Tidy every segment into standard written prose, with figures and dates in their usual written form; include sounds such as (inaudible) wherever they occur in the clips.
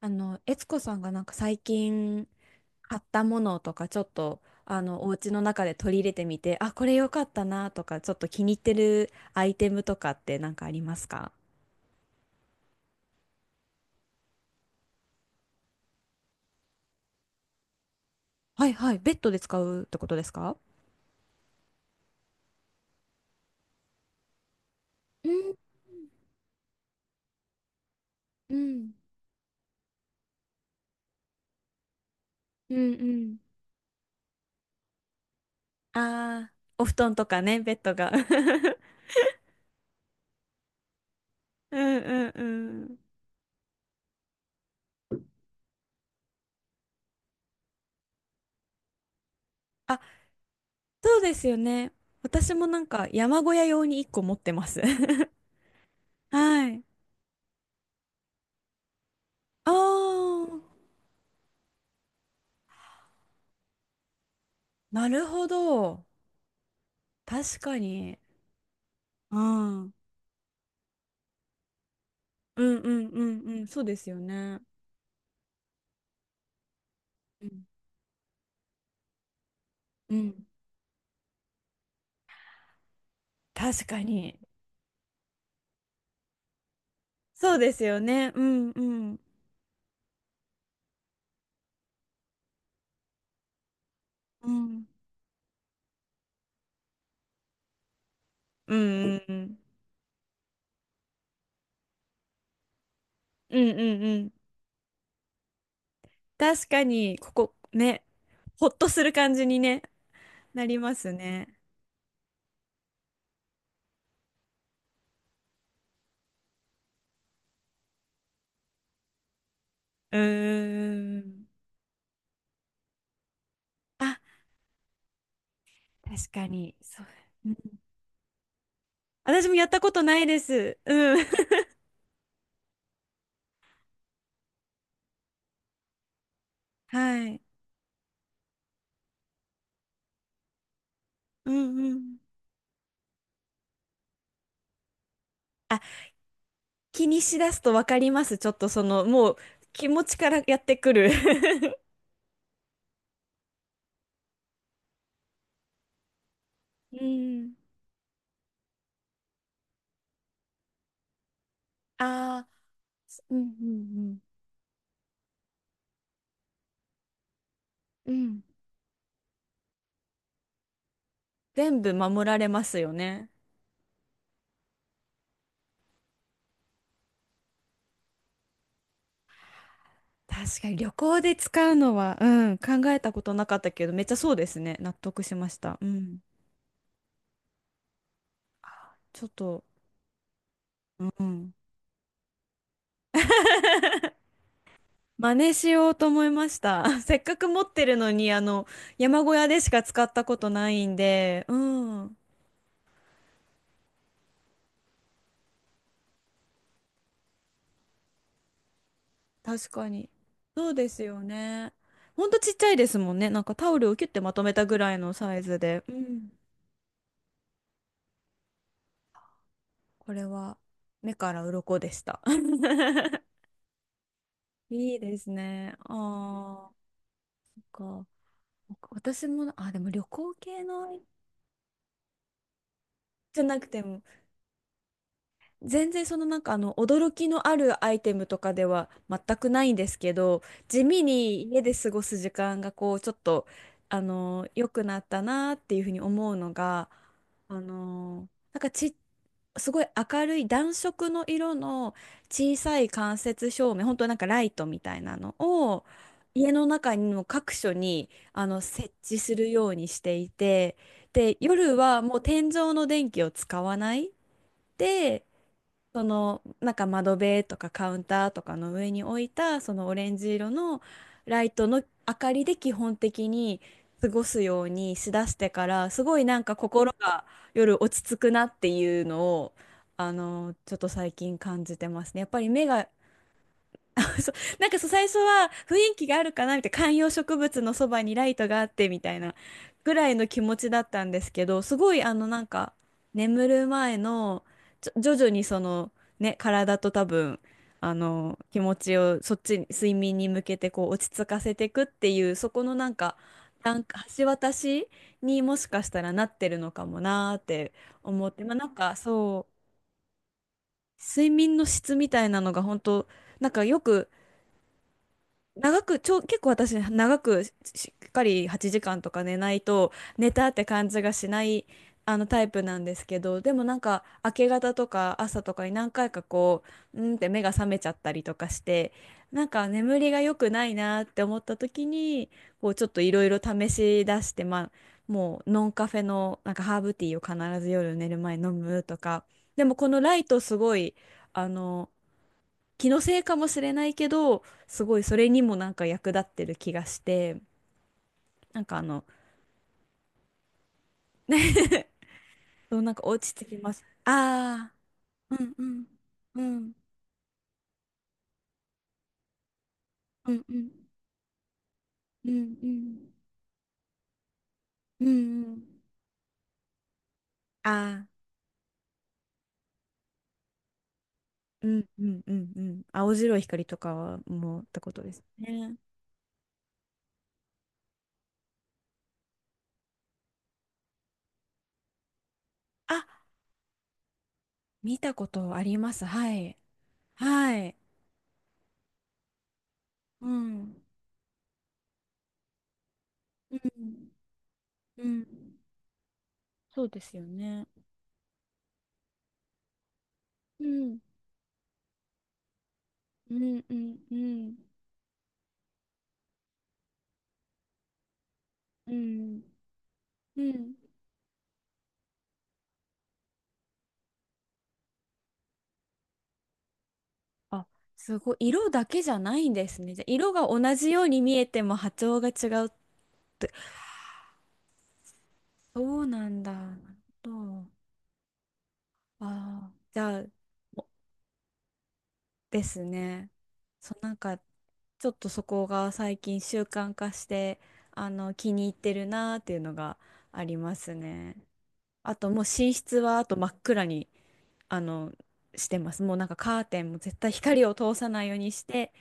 悦子さんがなんか最近買ったものとかちょっとお家の中で取り入れてみて、あ、これ良かったなとかちょっと気に入ってるアイテムとかってなんかありますか？はいはい、ベッドで使うってことですか？うんうんうん。うん。ああー、お布団とかね、ベッドが。(laughs) うんうんうん。あ、そうですよね。私もなんか山小屋用に1個持ってます。(laughs) はい。ああ、なるほど。確かに。ああ、うんうん。うんうん、そうですよね。うん、うん。確かに。そうですよね。うんうん。うん。うんうんうんうん。うんうん。確かにここね、ほっとする感じにね、なりますね。うーん。あ、確かに。そう。うん。私もやったことないです。うん。 (laughs) はい。うんうん。あ、気にしだすと分かります。ちょっとそのもう気持ちからやってくる。 (laughs) うん。ああ、うんうんうん。うん。全部守られますよね。確かに旅行で使うのは、うん、考えたことなかったけど、めっちゃそうですね。納得しました。うん。ちょっと、うん。真似しようと思いました。(laughs) せっかく持ってるのに、山小屋でしか使ったことないんで、うん。確かに。そうですよね。ほんとちっちゃいですもんね。なんかタオルをキュッてまとめたぐらいのサイズで。うん。これは目から鱗でした。(laughs) いいですね。ああ、なんか、私も、あ、でも旅行系のじゃなくても、全然そのなんか驚きのあるアイテムとかでは全くないんですけど、地味に家で過ごす時間がこう、ちょっと、良くなったなっていうふうに思うのが、あの、なんかちっすごい明るい暖色の色の小さい間接照明、本当なんかライトみたいなのを家の中にも各所にあの設置するようにしていて、で、夜はもう天井の電気を使わない。で、そのなんか窓辺とかカウンターとかの上に置いたそのオレンジ色のライトの明かりで基本的に過ごすようにしだしてからすごいなんか心が夜落ち着くなっていうのをちょっと最近感じてますね。やっぱり目が。 (laughs) そう、なんかそう最初は雰囲気があるかなみたいな観葉植物のそばにライトがあってみたいなぐらいの気持ちだったんですけど、すごいあのなんか眠る前の徐々にそのね、体と多分あの気持ちをそっちに睡眠に向けてこう落ち着かせていくっていう、そこのなんか、なんか橋渡しにもしかしたらなってるのかもなーって思って、まあなんかそう睡眠の質みたいなのが本当なんかよく長く、結構私、長くし、しっかり8時間とか寝ないと、寝たって感じがしない、あのタイプなんですけど、でもなんか、明け方とか朝とかに何回かこう、うんって目が覚めちゃったりとかして、なんか眠りが良くないなって思った時に、こう、ちょっといろいろ試し出して、まあ、もう、ノンカフェの、なんかハーブティーを必ず夜寝る前に飲むとか、でもこのライトすごい、あの、気のせいかもしれないけど、すごいそれにもなんか役立ってる気がして、なんかあの、ね。 (laughs) そう、なんか落ちてきます。ああ、うんうんうんうん。うんうんうんうんうん。ああ、うんうんうん。うん。青白い光とかはもうってことですね。あ、見たことあります。はい。はい。うん。うん。うん。そうですよね。うん。うんうんうん。うん。うん。あ、すごい。色だけじゃないんですね。じゃあ色が同じように見えても波長が違うって。そうなんだ。なるほど。ああ、じゃあ、お、ですね。そう、なんか、ちょっとそこが最近習慣化して、気に入ってるなーっていうのがありますね。あともう寝室はあと真っ暗に、あの、してます。もうなんかカーテンも絶対光を通さないようにして、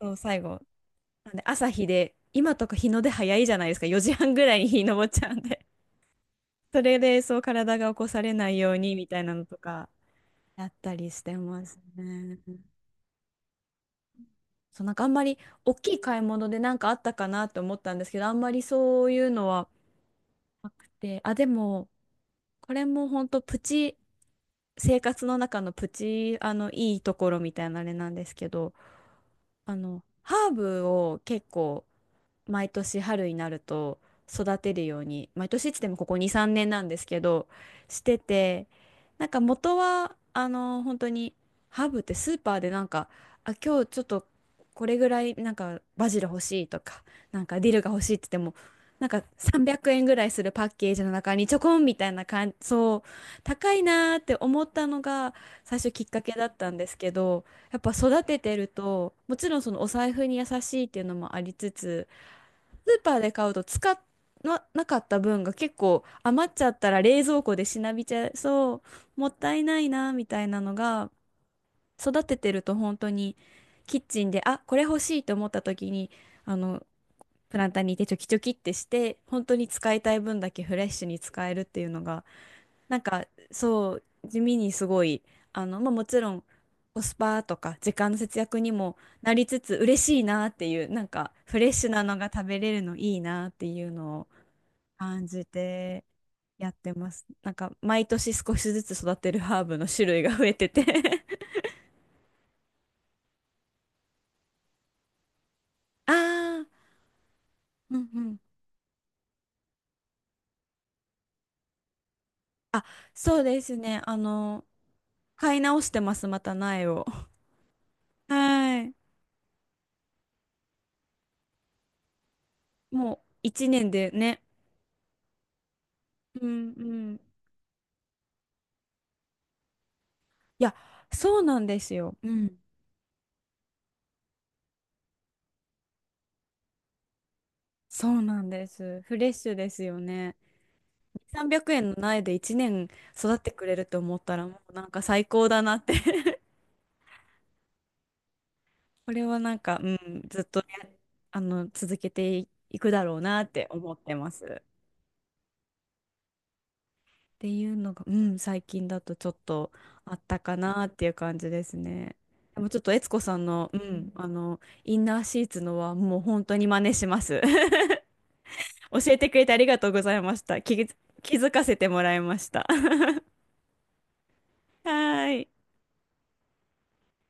そう、最後なんで朝日で、今とか日の出早いじゃないですか。4時半ぐらいに日昇っちゃうんで。(laughs) それでそう体が起こされないようにみたいなのとかやったりしてますね。そうなんかあんまり大きい買い物でなんかあったかなと思ったんですけど、あんまりそういうのはなくて、あ、でもこれも本当プチ、生活の中のプチ、あのいいところみたいなあれなんですけど、あのハーブを結構毎年春になると育てるように、毎年っつってもここ2、3年なんですけど、してて、なんか元は、本当に、ハーブってスーパーでなんか、あ、今日ちょっとこれぐらい、なんかバジル欲しいとか、なんかディルが欲しいって言っても、なんか300円ぐらいするパッケージの中にちょこんみたいな感じ、そう、高いなーって思ったのが最初きっかけだったんですけど、やっぱ育ててるともちろんそのお財布に優しいっていうのもありつつ、スーパーで買うと使っなかった分が結構余っちゃったら冷蔵庫でしなびちゃいそう、もったいないなみたいなのが、育ててると本当にキッチンで、あ、これ欲しいと思った時にあのプランターにいてチョキチョキってして本当に使いたい分だけフレッシュに使えるっていうのがなんかそう地味にすごい、まあ、もちろんコスパとか時間の節約にもなりつつ嬉しいなっていう、なんかフレッシュなのが食べれるのいいなっていうのを感じてやってます。なんか毎年少しずつ育てるハーブの種類が増えてて。 (laughs) ああ、うんうん。あ、そうですね。買い直してます、また苗を。はい。もう一年でね。うんうん。いや、そうなんですよ。うん。そうなんです。フレッシュですよね。300円の苗で1年育ってくれると思ったらもうなんか最高だなって。(laughs) これはなんか、うん、ずっとね、続けていくだろうなって思ってます。っていうのが、うん、最近だとちょっとあったかなっていう感じですね。でもちょっと悦子さんの、うん、インナーシーツのはもう本当に真似します。(laughs) 教えてくれてありがとうございました。気づかせてもらいました。(laughs) はーい。